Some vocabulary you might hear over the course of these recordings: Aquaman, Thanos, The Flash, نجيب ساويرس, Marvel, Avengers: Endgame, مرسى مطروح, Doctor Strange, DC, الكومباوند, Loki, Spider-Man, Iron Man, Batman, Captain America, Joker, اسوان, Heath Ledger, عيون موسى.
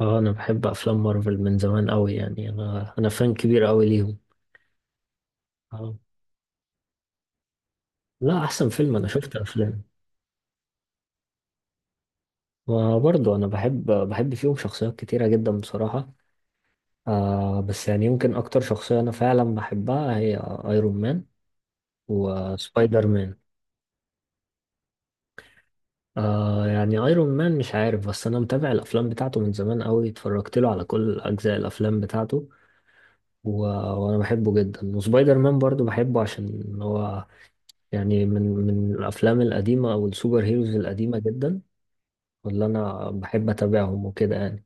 اه، انا بحب افلام مارفل من زمان قوي، يعني انا فان كبير قوي ليهم. اه، لا، احسن فيلم انا شفت افلام. وبرضه انا بحب فيهم شخصيات كتيره جدا بصراحه. آه، بس يعني يمكن اكتر شخصيه انا فعلا بحبها هي ايرون مان وسبايدر مان. آه، يعني ايرون مان مش عارف، بس انا متابع الافلام بتاعته من زمان قوي، اتفرجت له على كل اجزاء الافلام بتاعته و... وانا بحبه جدا. وسبايدر مان برضو بحبه عشان هو يعني من الافلام القديمه او السوبر هيروز القديمه جدا، واللي انا بحب اتابعهم وكده يعني.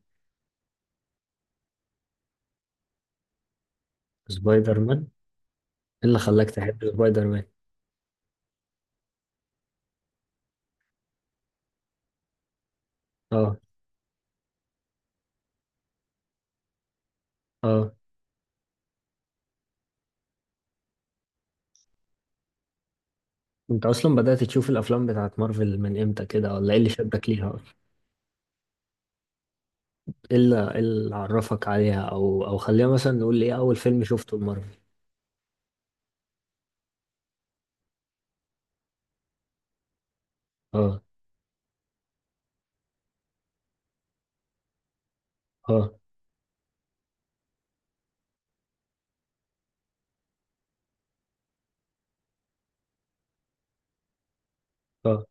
سبايدر مان إيه اللي خلاك تحب سبايدر مان؟ اه. اه، انت اصلا بدات تشوف الافلام بتاعت مارفل من امتى كده، ولا ايه اللي شدك ليها اصلا؟ ايه اللي إيه اللي عرفك عليها، او خلينا مثلا نقول ايه اول فيلم شفته لمارفل؟ اه. اه. اه.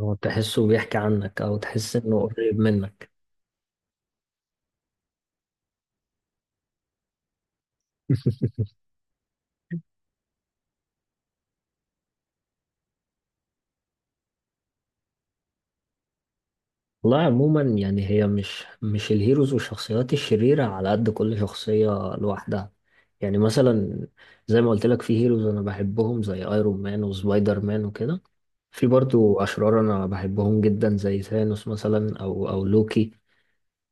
هو تحسه بيحكي عنك، او تحس انه قريب منك؟ والله عموما يعني هي مش الهيروز والشخصيات الشريرة، على قد كل شخصية لوحدها. يعني مثلا، زي ما قلت لك، في هيروز أنا بحبهم زي أيرون مان وسبايدر مان وكده، في برضو أشرار أنا بحبهم جدا زي ثانوس مثلا أو لوكي.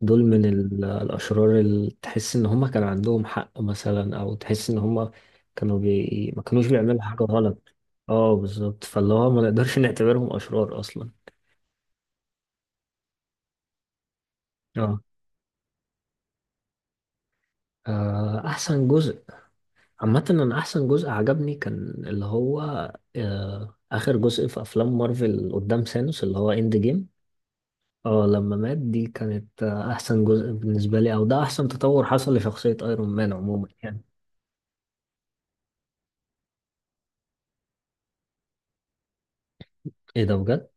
دول من الأشرار اللي تحس إن هما كان عندهم حق مثلا، أو تحس إن هما كانوا ما كانوش بيعملوا حاجة غلط. اه بالظبط، فاللي هو ما نقدرش نعتبرهم أشرار أصلا. اه. آه، أحسن جزء. عامة أنا أحسن جزء عجبني كان اللي هو آه، آخر جزء في أفلام مارفل قدام سانوس اللي هو إند جيم. اه لما مات، دي كانت آه، أحسن جزء بالنسبة لي. أو ده أحسن تطور حصل لشخصية أيرون مان عموما يعني. إيه ده بجد؟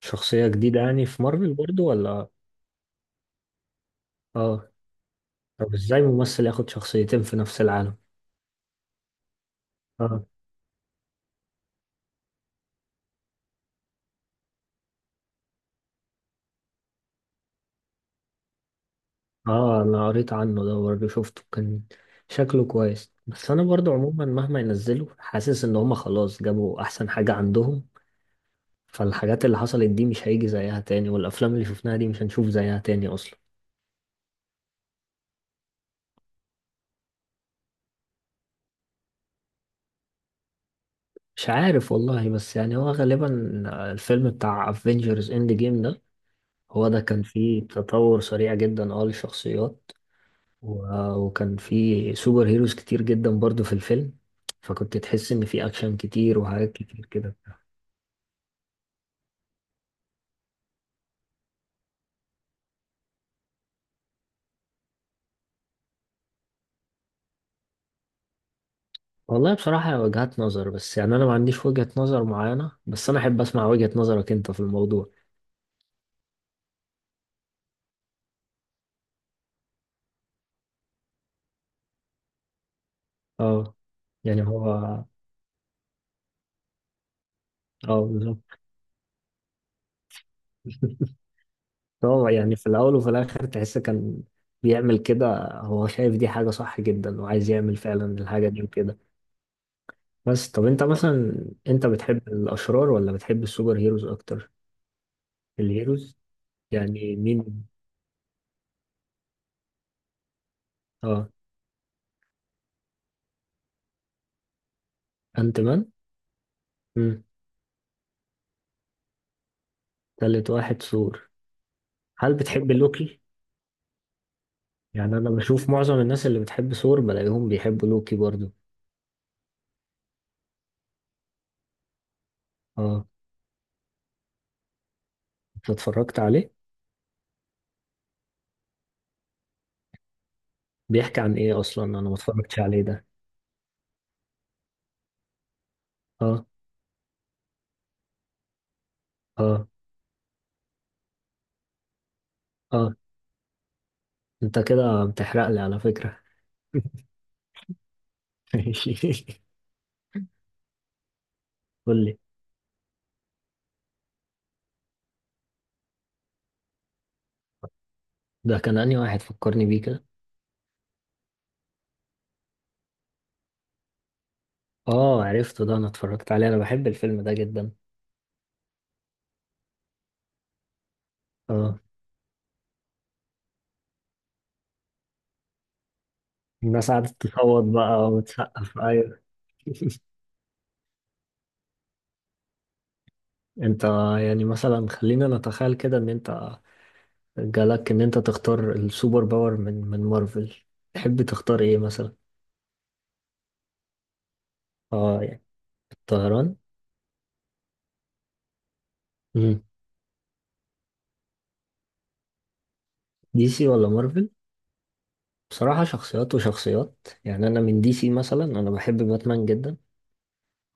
شخصية جديدة يعني في مارفل برضو ولا؟ اه. طب إزاي ممثل ياخد شخصيتين في نفس العالم؟ اه. اه أنا قريت عنه ده برضه، شفته كان شكله كويس. بس أنا برضو عموما مهما ينزلوا، حاسس إن هما خلاص جابوا أحسن حاجة عندهم. فالحاجات اللي حصلت دي مش هيجي زيها تاني، والأفلام اللي شفناها دي مش هنشوف زيها تاني أصلا. مش عارف والله، بس يعني هو غالبا الفيلم بتاع افنجرز اند جيم ده. هو ده كان فيه تطور سريع جدا اه للشخصيات، وكان فيه سوبر هيروز كتير جدا برضو في الفيلم. فكنت تحس ان فيه اكشن كتير وحاجات كتير كده. والله بصراحة هي وجهات نظر، بس يعني انا ما عنديش وجهة نظر معينة، بس انا احب اسمع وجهة نظرك انت في الموضوع. اه. يعني هو. اه بالظبط. هو يعني في الأول وفي الآخر تحس كان بيعمل كده، هو شايف دي حاجة صح جدا وعايز يعمل فعلا الحاجة دي وكده. بس طب أنت مثلا، أنت بتحب الأشرار ولا بتحب السوبر هيروز أكتر؟ الهيروز. يعني مين؟ آه، أنت مان؟ مم. تالت واحد ثور. هل بتحب لوكي؟ يعني أنا بشوف معظم الناس اللي بتحب ثور بلاقيهم بيحبوا لوكي برضو. آه. أنت اتفرجت عليه؟ بيحكي عن إيه أصلا؟ أنا ما اتفرجتش عليه ده. آه. آه. آه. أنت كده بتحرق لي على فكرة. ماشي. قول لي. ده كان أنهي واحد، فكرني بيه كده. اه عرفته ده، انا اتفرجت عليه، انا بحب الفيلم ده جدا. اه الناس قعدت تصوت بقى وتسقف، ايوه. انت يعني مثلا خلينا نتخيل كده ان انت جالك ان انت تختار السوبر باور من مارفل، تحب تختار ايه مثلا؟ اه يعني الطيران. مم. دي سي ولا مارفل؟ بصراحة شخصيات وشخصيات يعني. انا من دي سي مثلا انا بحب باتمان جدا،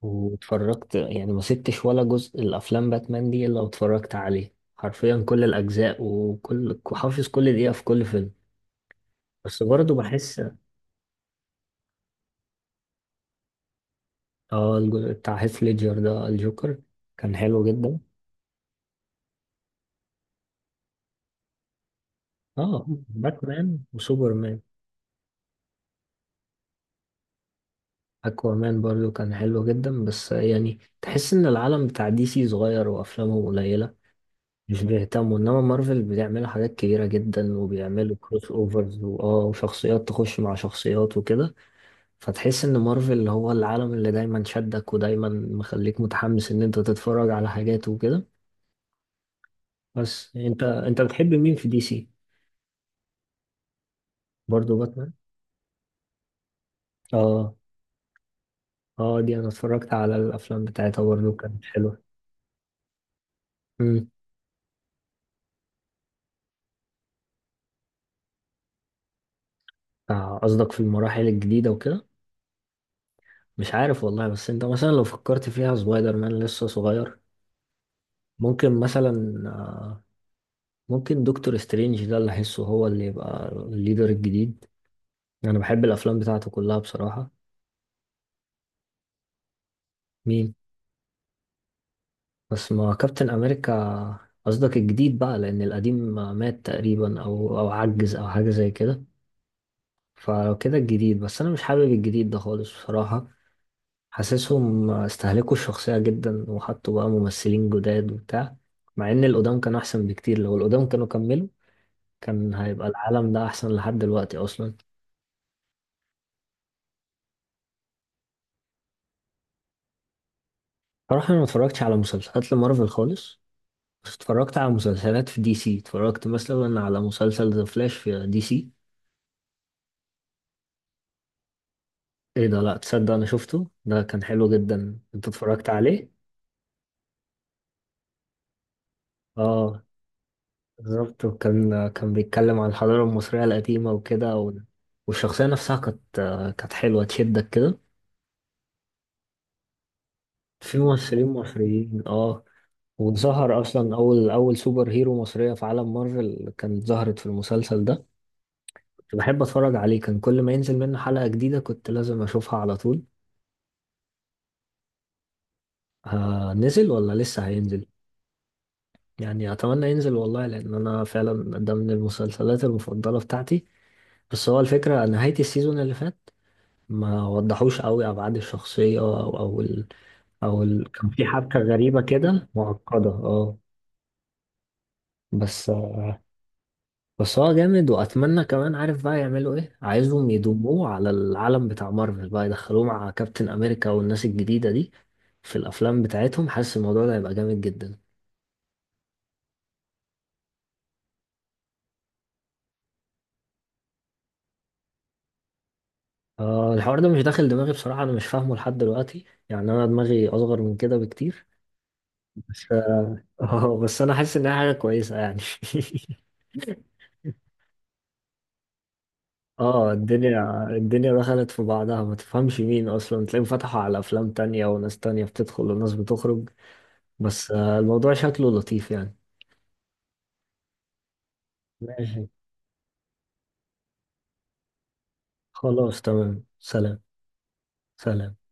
واتفرجت يعني ما سبتش ولا جزء الافلام باتمان دي الا واتفرجت عليه، حرفيا كل الاجزاء، وكل حافظ كل دقيقة في كل فيلم. بس برضه بحس. اه الجزء بتاع هيث ليدجر ده الجوكر كان حلو جدا. اه باتمان وسوبرمان. اكوامان برضه كان حلو جدا، بس يعني تحس ان العالم بتاع دي سي صغير وافلامهم قليلة، مش بيهتموا. انما مارفل بتعمل حاجات كبيرة جدا، وبيعملوا كروس اوفرز واه وشخصيات تخش مع شخصيات وكده. فتحس ان مارفل هو العالم اللي دايما شدك ودايما مخليك متحمس ان انت تتفرج على حاجات وكده. بس انت بتحب مين في دي سي؟ برضو باتمان. اه. اه دي انا اتفرجت على الافلام بتاعتها برضو، كانت حلوة. امم. آه، قصدك في المراحل الجديدة وكده. مش عارف والله، بس انت مثلا لو فكرت فيها سبايدر مان لسه صغير، ممكن مثلا آه، ممكن دكتور سترينج ده اللي احسه هو اللي يبقى الليدر الجديد. انا بحب الافلام بتاعته كلها بصراحة. مين؟ بس ما كابتن امريكا. قصدك الجديد بقى، لان القديم مات تقريبا او عجز او حاجه زي كده. فلو كده الجديد، بس انا مش حابب الجديد ده خالص بصراحه. حاسسهم استهلكوا الشخصيه جدا وحطوا بقى ممثلين جداد وبتاع، مع ان القدام كانوا احسن بكتير. لو القدام كانوا كملوا، كان هيبقى العالم ده احسن لحد دلوقتي اصلا. صراحه انا ما اتفرجتش على مسلسلات لمارفل خالص، بس اتفرجت على مسلسلات في دي سي، اتفرجت مثلا على مسلسل ذا فلاش في دي سي. ايه ده، لا تصدق انا شفته ده، كان حلو جدا. انت اتفرجت عليه؟ اه بالظبط، وكان بيتكلم عن الحضارة المصرية القديمة وكده والشخصية نفسها كانت حلوة تشدك كده. في ممثلين مصريين اه. وظهر اصلا اول سوبر هيرو مصرية في عالم مارفل، كانت ظهرت في المسلسل ده. كنت بحب اتفرج عليه، كان كل ما ينزل منه حلقة جديدة كنت لازم اشوفها على طول. آه، نزل ولا لسه هينزل؟ يعني اتمنى ينزل والله، لان انا فعلا ده من المسلسلات المفضله بتاعتي. بس هو الفكره نهايه السيزون اللي فات ما وضحوش قوي ابعاد الشخصيه او كان في حبكه غريبه كده معقده اه. بس آه، بس هو جامد، واتمنى كمان عارف بقى يعملوا ايه. عايزهم يضموه على العالم بتاع مارفل بقى، يدخلوه مع كابتن امريكا والناس الجديده دي في الافلام بتاعتهم. حاسس الموضوع ده هيبقى جامد جدا. آه الحوار ده مش داخل دماغي بصراحة، أنا مش فاهمه لحد دلوقتي، يعني أنا دماغي أصغر من كده بكتير. بس. آه بس أنا حاسس إنها حاجة كويسة يعني. آه الدنيا دخلت في بعضها، ما تفهمش مين أصلا، تلاقيهم فتحوا على أفلام تانية وناس تانية بتدخل وناس بتخرج. بس آه الموضوع شكله لطيف يعني. ماشي. خلاص تمام، سلام. سلام.